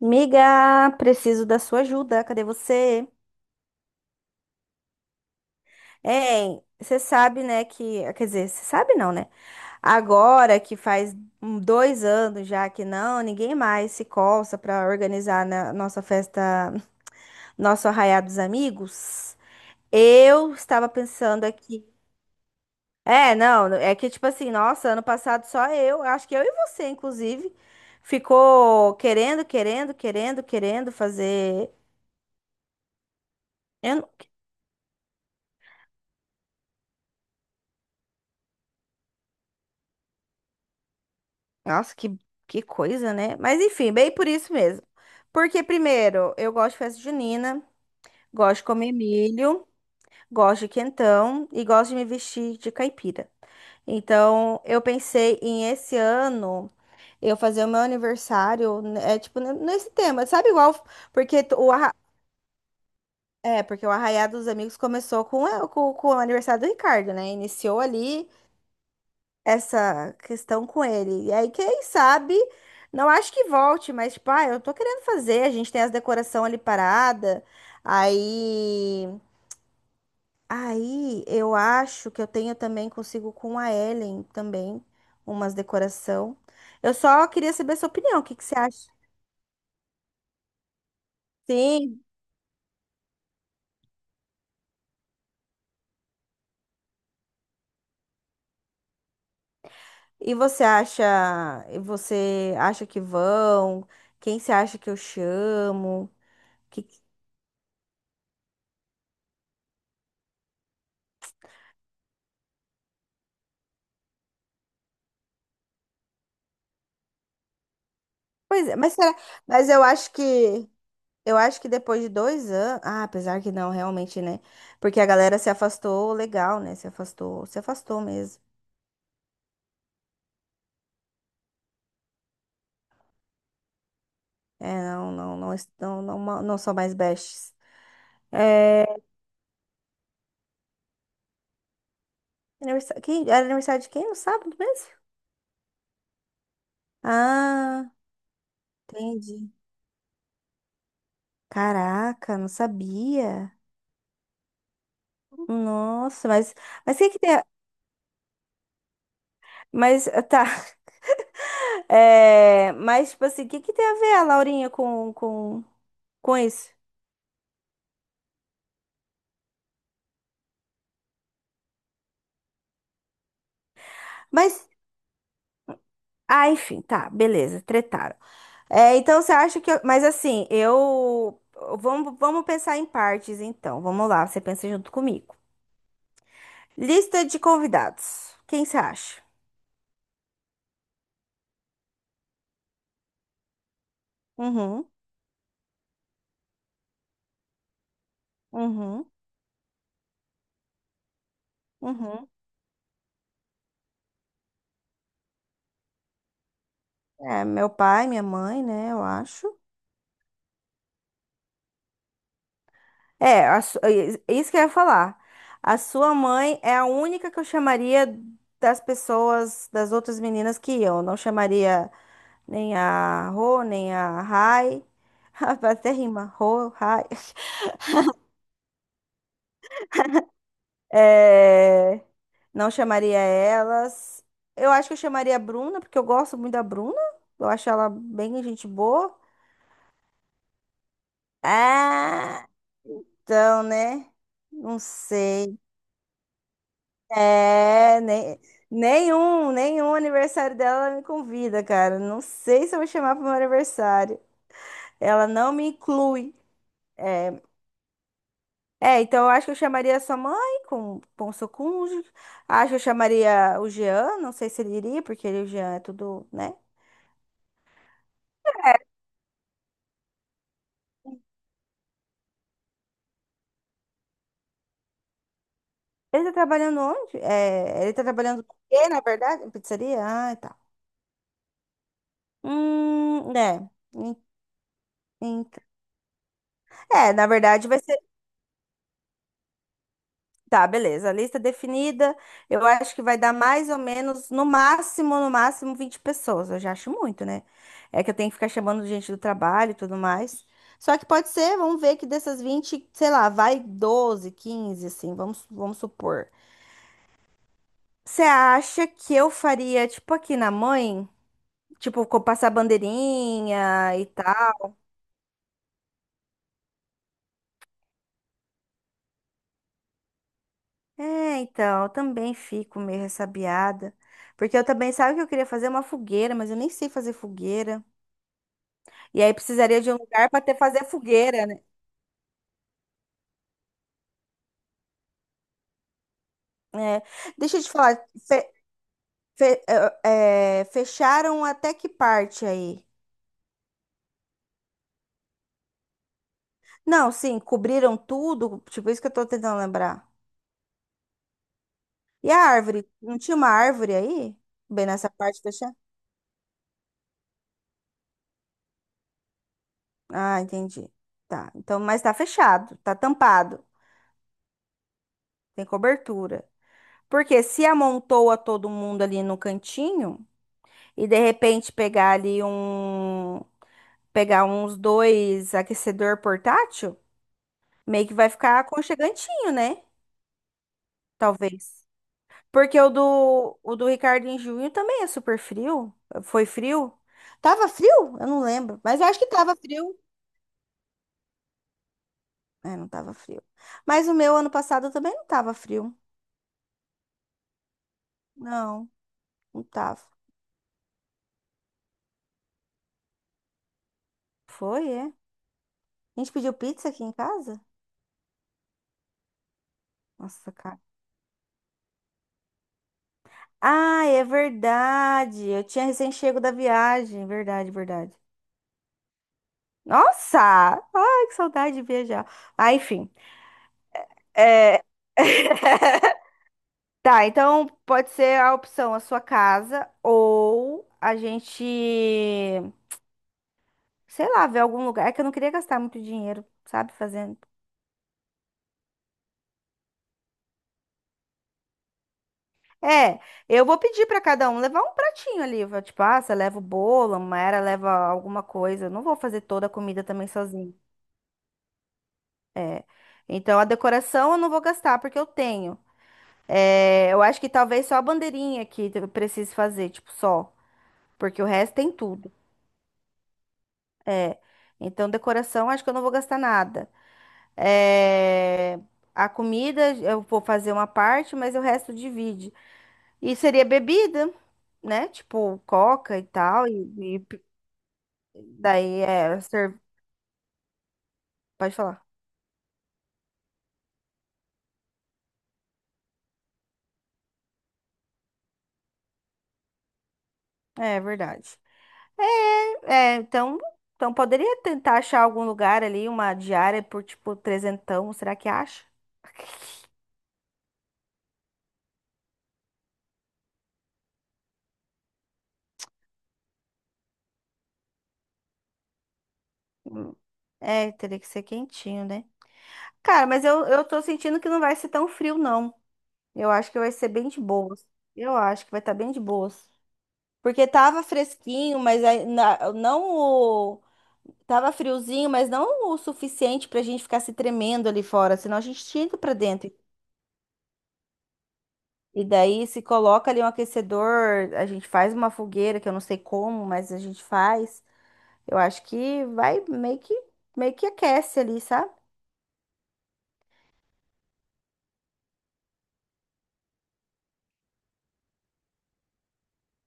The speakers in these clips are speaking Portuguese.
Miga, preciso da sua ajuda. Cadê você? Hein, você sabe, né, que... Quer dizer, você sabe não, né? Agora que faz 2 anos já que ninguém mais se coça para organizar na nossa festa, nosso arraiá dos amigos. Eu estava pensando aqui. É, não, é que tipo assim, nossa, ano passado só eu, acho que eu e você, inclusive, ficou querendo fazer. Eu Nossa, que coisa, né? Mas enfim, bem por isso mesmo. Porque, primeiro, eu gosto de festa junina, gosto de comer milho, gosto de quentão e gosto de me vestir de caipira. Então, eu pensei em esse ano eu fazer o meu aniversário, né, é tipo, nesse tema, sabe igual? Porque t- o arra... É, porque o Arraiá dos Amigos começou com o aniversário do Ricardo, né? Iniciou ali essa questão com ele. E aí, quem sabe, não acho que volte, mas, tipo, ah, eu tô querendo fazer, a gente tem as decoração ali parada. Aí, aí, eu acho que eu tenho também consigo com a Ellen também umas decoração. Eu só queria saber a sua opinião, o que que você acha? Sim. E você acha, e você acha que vão? Quem você acha que eu chamo? Que... Pois é, mas será, mas eu acho que Eu acho que depois de 2 anos. Ah, apesar que não, realmente, né? Porque a galera se afastou legal, né? Se afastou, se afastou mesmo. É, não, não, não, não, não, não são mais bestes. É. Aniversário, quem, era aniversário de quem? No sábado mesmo? Ah, entendi. Caraca, não sabia. Nossa, mas o que que tem a, mas, ah, tá, é, mas, tipo assim, o que que tem a ver a Laurinha com isso? Mas Ah, enfim, tá, beleza, tretaram. É, então você acha que. Mas assim, eu. Vamos pensar em partes, então. Vamos lá, você pensa junto comigo. Lista de convidados. Quem você acha? Uhum. Uhum. Uhum. É, meu pai, minha mãe, né? Eu acho. É, é isso que eu ia falar. A sua mãe é a única que eu chamaria das pessoas, das outras meninas que iam. Eu. Não chamaria nem a Rô, nem a Rai. Rapaz, até rima, Rô, Rai. É. Não chamaria elas. Eu acho que eu chamaria a Bruna, porque eu gosto muito da Bruna. Eu acho ela bem gente boa. Ah, então, né? Não sei. É, nem, nenhum, nenhum aniversário dela ela me convida, cara. Não sei se eu vou chamar pro meu aniversário. Ela não me inclui. É, É, então eu acho que eu chamaria a sua mãe com o seu cônjuge. Acho que eu chamaria o Jean, não sei se ele iria, porque ele, o Jean é tudo, né? Ele tá trabalhando onde? É, ele tá trabalhando com o quê, na verdade? Em pizzaria? Ah, tá. É. Em- em- É, na verdade vai ser. Tá, beleza. A lista definida, eu acho que vai dar mais ou menos, no máximo, no máximo, 20 pessoas. Eu já acho muito, né? É que eu tenho que ficar chamando gente do trabalho e tudo mais. Só que pode ser, vamos ver que dessas 20 sei lá, vai 12 15 assim, vamos supor. Você acha que eu faria, tipo, aqui na mãe? Tipo, passar bandeirinha e tal? É, então, eu também fico meio ressabiada. Porque eu também, sabe o que eu queria fazer uma fogueira, mas eu nem sei fazer fogueira. E aí precisaria de um lugar para ter fazer fogueira, né? É, deixa eu te falar, fe- fe- fecharam até que parte aí? Não, sim, cobriram tudo, tipo isso que eu tô tentando lembrar. E a árvore? Não tinha uma árvore aí? Bem nessa parte fechada? Ah, entendi. Tá, então, mas tá fechado, tá tampado, tem cobertura. Porque se amontoa todo mundo ali no cantinho e de repente pegar uns dois aquecedor portátil, meio que vai ficar aconchegantinho, né? Talvez. Porque o do Ricardo em junho também é super frio. Foi frio? Tava frio? Eu não lembro. Mas eu acho que tava frio. É, não tava frio. Mas o meu ano passado também não tava frio. Não, não tava. Foi, é. A gente pediu pizza aqui em casa? Nossa, cara. Ah, é verdade. Eu tinha recém-chego da viagem. Verdade, verdade. Nossa! Ai, que saudade de viajar. Ah, enfim. É. Tá, então pode ser a opção a sua casa ou a gente, sei lá, ver algum lugar. É que eu não queria gastar muito dinheiro, sabe, fazendo. É, eu vou pedir pra cada um levar um pratinho ali, vai, tipo, ah, você leva o bolo, a Mayra leva alguma coisa. Eu não vou fazer toda a comida também sozinho. É. Então a decoração eu não vou gastar porque eu tenho. É, eu acho que talvez só a bandeirinha que eu precise fazer, tipo, só, porque o resto tem tudo. É. Então decoração acho que eu não vou gastar nada. É, a comida eu vou fazer uma parte, mas o resto divide. E seria bebida, né? Tipo coca e tal. E daí é. Pode falar. É verdade. É, é, então, então, poderia tentar achar algum lugar ali, uma diária por tipo trezentão. Será que acha? Hum. É, teria que ser quentinho, né? Cara, mas eu tô sentindo que não vai ser tão frio, não. Eu acho que vai ser bem de boas. Eu acho que vai estar bem de boas. Porque tava fresquinho, mas aí na- não o. Tava friozinho, mas não o suficiente pra gente ficar se tremendo ali fora, senão a gente tinha ido pra dentro. E daí se coloca ali um aquecedor, a gente faz uma fogueira, que eu não sei como, mas a gente faz. Eu acho que vai meio que aquece ali, sabe?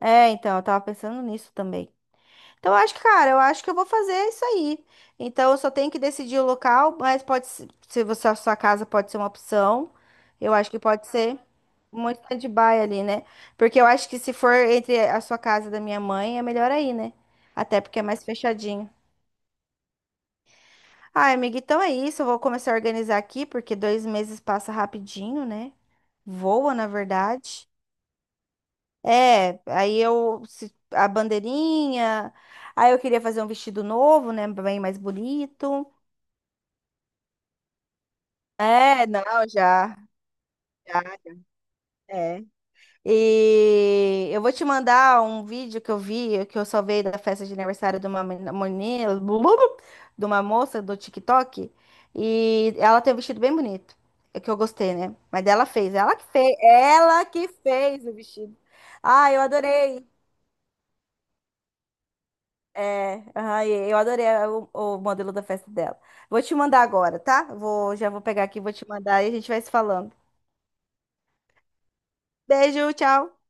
É, então, eu tava pensando nisso também. Então, eu acho que, cara, eu acho que eu vou fazer isso aí. Então, eu só tenho que decidir o local, mas pode ser, se você, a sua casa pode ser uma opção. Eu acho que pode ser um stand-by ali, né? Porque eu acho que se for entre a sua casa e da minha mãe, é melhor aí, né? Até porque é mais fechadinho. Ai, amiga, então é isso. Eu vou começar a organizar aqui, porque 2 meses passa rapidinho, né? Voa, na verdade. É, aí eu a bandeirinha, aí eu queria fazer um vestido novo, né, bem mais bonito. É, não, já, já, é. E eu vou te mandar um vídeo que eu vi, que eu salvei da festa de aniversário de uma menina, de uma moça do TikTok, e ela tem um vestido bem bonito, é que eu gostei, né? Mas ela que fez o vestido. Ah, eu adorei. É, ai, eu adorei o modelo da festa dela. Vou te mandar agora, tá? Já vou pegar aqui, vou te mandar e a gente vai se falando. Beijo, tchau.